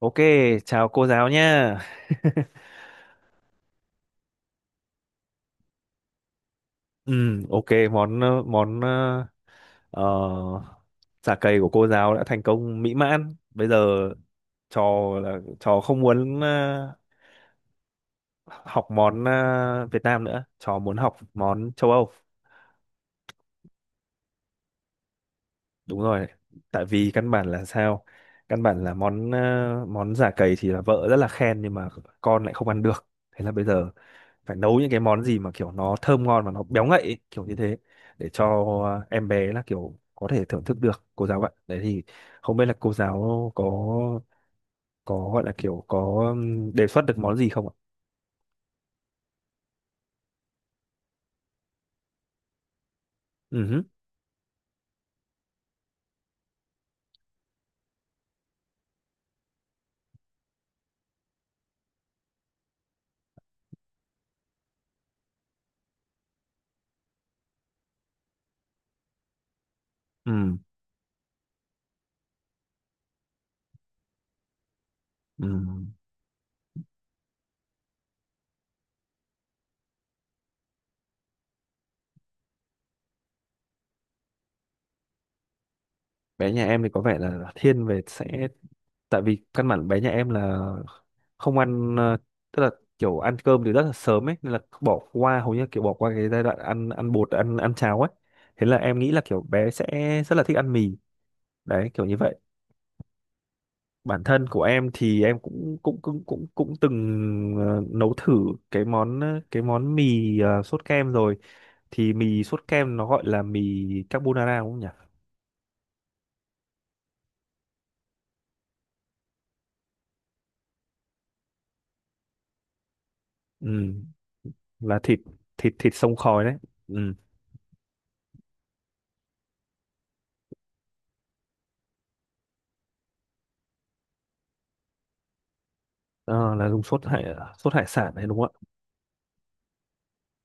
Ok, chào cô giáo nha. Ừ, ok, món ờ, chả cầy của cô giáo đã thành công mỹ mãn. Bây giờ trò là trò không muốn học món Việt Nam nữa, trò muốn học món châu Âu. Đúng rồi, tại vì căn bản là sao? Căn bản là món món chả cầy thì là vợ rất là khen nhưng mà con lại không ăn được. Thế là bây giờ phải nấu những cái món gì mà kiểu nó thơm ngon mà nó béo ngậy ấy, kiểu như thế để cho em bé là kiểu có thể thưởng thức được cô giáo ạ, đấy thì không biết là cô giáo có gọi là kiểu có đề xuất được món gì không ạ? Ừ hứ, ừm, ừm. Bé nhà em thì có vẻ là thiên về sẽ, tại vì căn bản bé nhà em là không ăn tức là kiểu ăn cơm thì rất là sớm ấy, nên là bỏ qua, hầu như kiểu bỏ qua cái giai đoạn ăn ăn bột ăn ăn cháo ấy. Thế là em nghĩ là kiểu bé sẽ rất là thích ăn mì, đấy kiểu như vậy. Bản thân của em thì em cũng cũng cũng cũng cũng từng nấu thử cái món cái món mì sốt kem rồi, thì mì sốt kem nó gọi là mì carbonara đúng không nhỉ? Ừ, là thịt, thịt sông khói đấy. Ừ. Ờ, là dùng sốt hải sản đấy đúng không ạ?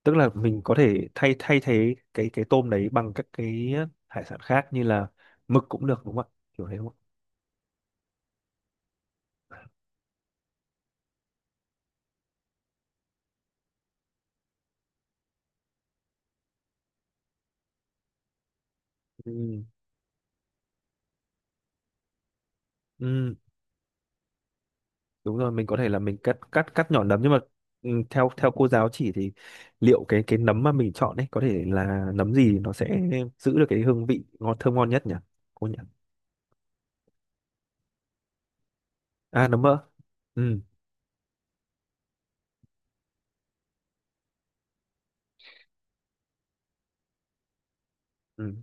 Tức là mình có thể thay thay thế cái tôm đấy bằng các cái hải sản khác như là mực cũng được đúng không ạ, kiểu thế đúng không ạ? Ừ, ừ, đúng rồi, mình có thể là mình cắt cắt cắt nhỏ nấm nhưng mà ừ, theo theo cô giáo chỉ thì liệu cái nấm mà mình chọn ấy có thể là nấm gì nó sẽ giữ được cái hương vị ngon, thơm ngon nhất nhỉ cô nhỉ? À nấm mỡ. Ừ. Ừ.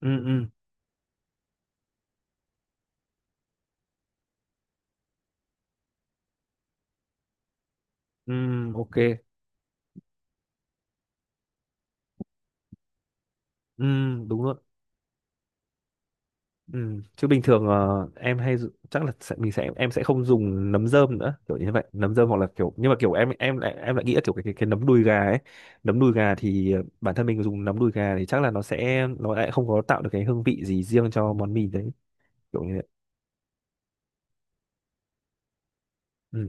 Ừ. Ừ, ừ. Ok. Ừ. Đúng rồi. Ừ. Chứ bình thường ờ, em hay chắc là sẽ, mình sẽ em sẽ không dùng nấm rơm nữa, kiểu như vậy, nấm rơm hoặc là kiểu, nhưng mà kiểu em lại nghĩ là kiểu cái nấm đùi gà ấy. Nấm đùi gà thì ờ, bản thân mình dùng nấm đùi gà thì chắc là nó sẽ, nó lại không có tạo được cái hương vị gì riêng cho món mì đấy, kiểu như vậy. Ừ.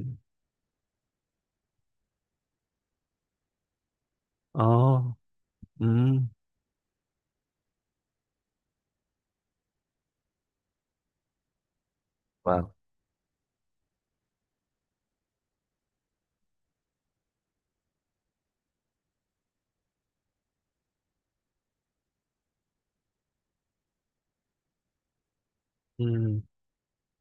Oh. Ừ. Wow. Ừ.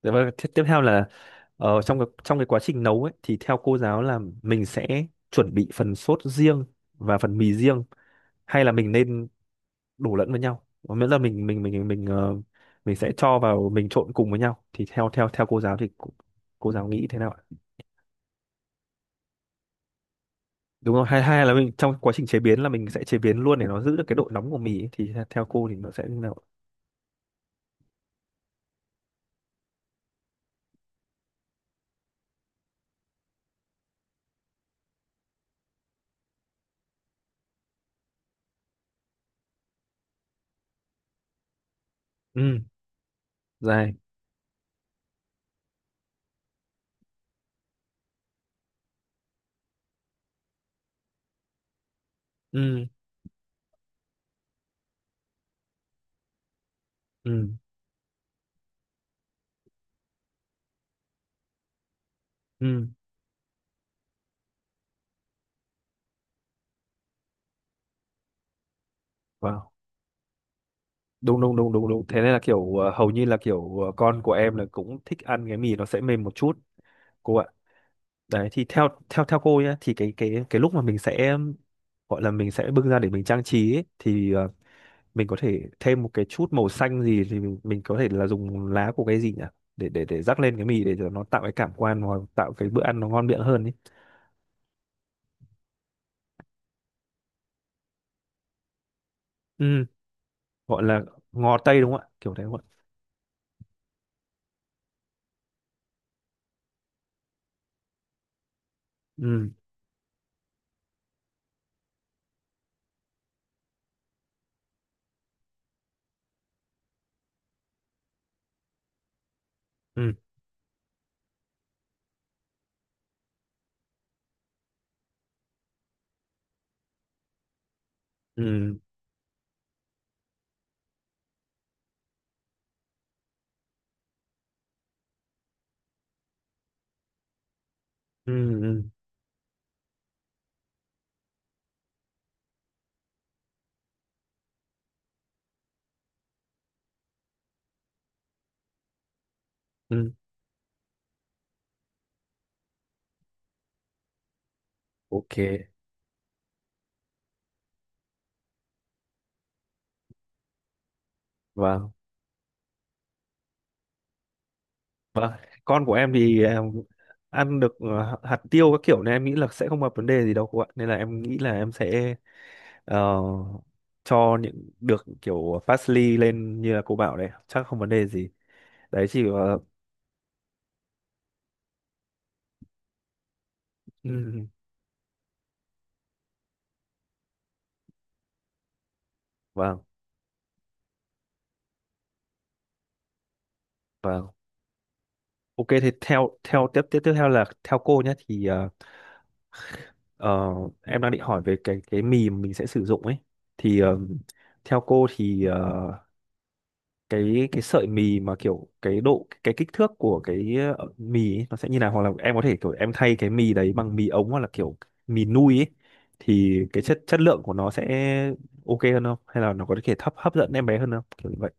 Thế và tiếp tiếp theo là ờ, trong trong cái quá trình nấu ấy thì theo cô giáo là mình sẽ chuẩn bị phần sốt riêng và phần mì riêng, hay là mình nên đổ lẫn với nhau, và miễn là mình ờ, mình sẽ cho vào, mình trộn cùng với nhau, thì theo theo theo cô giáo thì cô giáo nghĩ thế nào ạ? Đúng rồi, hai, hai là mình trong quá trình chế biến là mình sẽ chế biến luôn để nó giữ được cái độ nóng của mì ấy. Thì theo theo cô thì nó sẽ như nào ạ? Ừ. Dài. Ừ. Ừ. Ừ. Wow. Đúng đúng đúng đúng đúng, thế nên là kiểu ờ, hầu như là kiểu ờ, con của em là cũng thích ăn cái mì nó sẽ mềm một chút cô ạ. Đấy thì theo theo theo cô nhá, thì cái lúc mà mình sẽ gọi là mình sẽ bưng ra để mình trang trí ấy, thì ờ, mình có thể thêm một cái chút màu xanh gì thì mình có thể là dùng lá của cái gì nhỉ, để rắc lên cái mì để cho nó tạo cái cảm quan, hoặc tạo cái bữa ăn nó ngon miệng hơn ấy. Ừ. Gọi là ngò tây đúng không ạ, kiểu thế không ạ? Ừ. Ừ. Ừ. Ừ. Ừ. Ừ. Ok. Vâng. Con của em thì em ăn được ờ, hạt tiêu các kiểu, nên em nghĩ là sẽ không gặp vấn đề gì đâu cô ạ, nên là em nghĩ là em sẽ ờ, cho những được kiểu parsley lên như là cô bảo đấy chắc không vấn đề gì. Đấy chỉ ờ, ừ, ừ. Vâng. Vâng. Ok thì theo theo tiếp tiếp tiếp theo là theo cô nhé thì ờ, em đang định hỏi về cái mì mà mình sẽ sử dụng ấy, thì ờ, theo cô thì ờ, cái sợi mì mà kiểu cái kích thước của cái ờ, mì ấy, nó sẽ như nào, hoặc là em có thể kiểu em thay cái mì đấy bằng mì ống hoặc là kiểu mì nui ấy, thì cái chất chất lượng của nó sẽ ok hơn không, hay là nó có thể hấp hấp dẫn em bé hơn không, kiểu như vậy.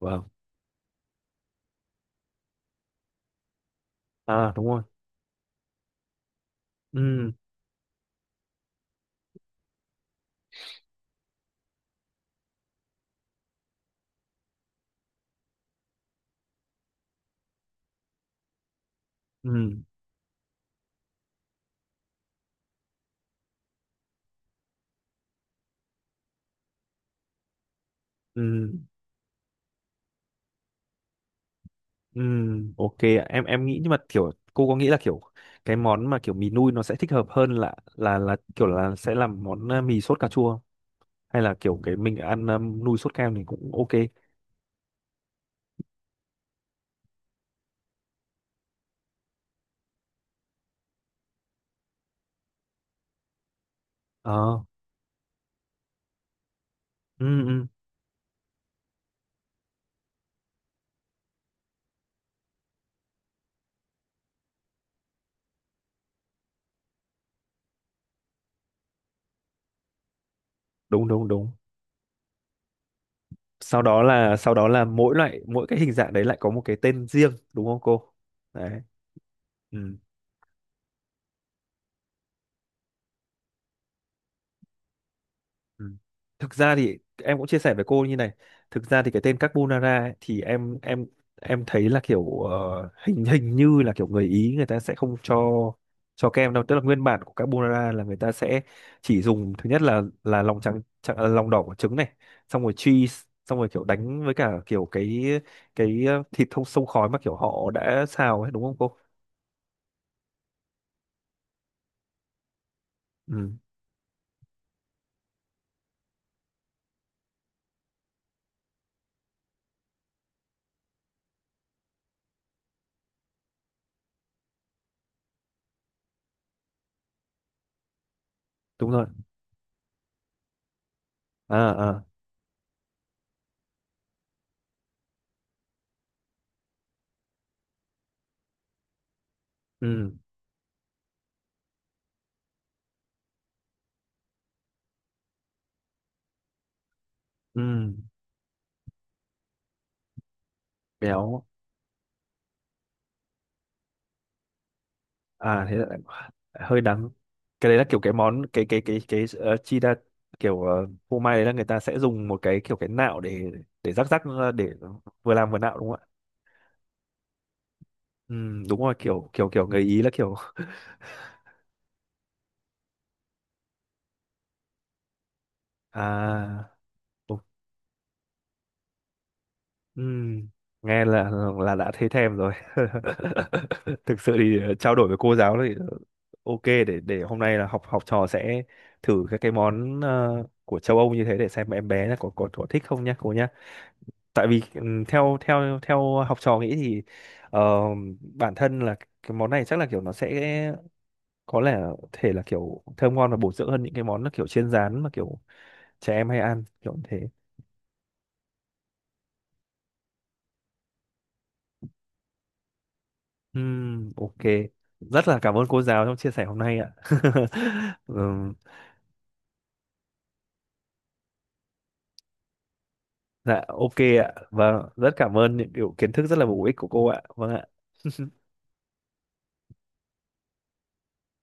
Vâng. À đúng rồi. Ừ. Ừ. Ừ. Ừ, ok ạ. Em nghĩ, nhưng mà kiểu cô có nghĩ là kiểu cái món mà kiểu mì nui nó sẽ thích hợp hơn là kiểu là sẽ làm món ờ, mì sốt cà chua không? Hay là kiểu cái mình ăn ờ, nui sốt kem thì cũng ok. Ờ. Ừ, ừ, đúng đúng đúng. Sau đó là mỗi loại, mỗi cái hình dạng đấy lại có một cái tên riêng đúng không cô? Đấy. Ừ. Ừ. Thực ra thì em cũng chia sẻ với cô như này. Thực ra thì cái tên carbonara ấy, thì em thấy là kiểu ờ, hình hình như là kiểu người Ý người ta sẽ không cho cho kem đâu, tức là nguyên bản của carbonara là người ta sẽ chỉ dùng thứ nhất là lòng trắng, trắng à, lòng đỏ của trứng này, xong rồi cheese, xong rồi kiểu đánh với cả kiểu cái ờ, thịt thông sông khói mà kiểu họ đã xào ấy đúng không cô? Ừ, đúng rồi. À à. Ừ. Ừ, béo. À thế là hơi đắng. Cái đấy là kiểu cái món cái chi đa, kiểu ờ, phô mai đấy là người ta sẽ dùng một cái kiểu cái nạo để rắc rắc ra để vừa làm vừa nạo đúng không ạ? Ừ, đúng rồi, kiểu kiểu kiểu người Ý là kiểu à đúng, ừ, nghe là đã thấy thèm rồi. Thực sự thì ờ, trao đổi với cô giáo thì ok, để hôm nay là học học trò sẽ thử các cái món ờ, của châu Âu như thế để xem em bé là có thích không nhá cô nhá, tại vì theo theo theo học trò nghĩ thì ờ, bản thân là cái món này chắc là kiểu nó sẽ có lẽ thể là kiểu thơm ngon và bổ dưỡng hơn những cái món nó kiểu chiên rán mà kiểu trẻ em hay ăn kiểu như thế. Ok, rất là cảm ơn cô giáo trong chia sẻ hôm nay ạ. Ừm, dạ ok ạ, vâng, rất cảm ơn những kiểu kiến thức rất là bổ ích của cô ạ, vâng ạ.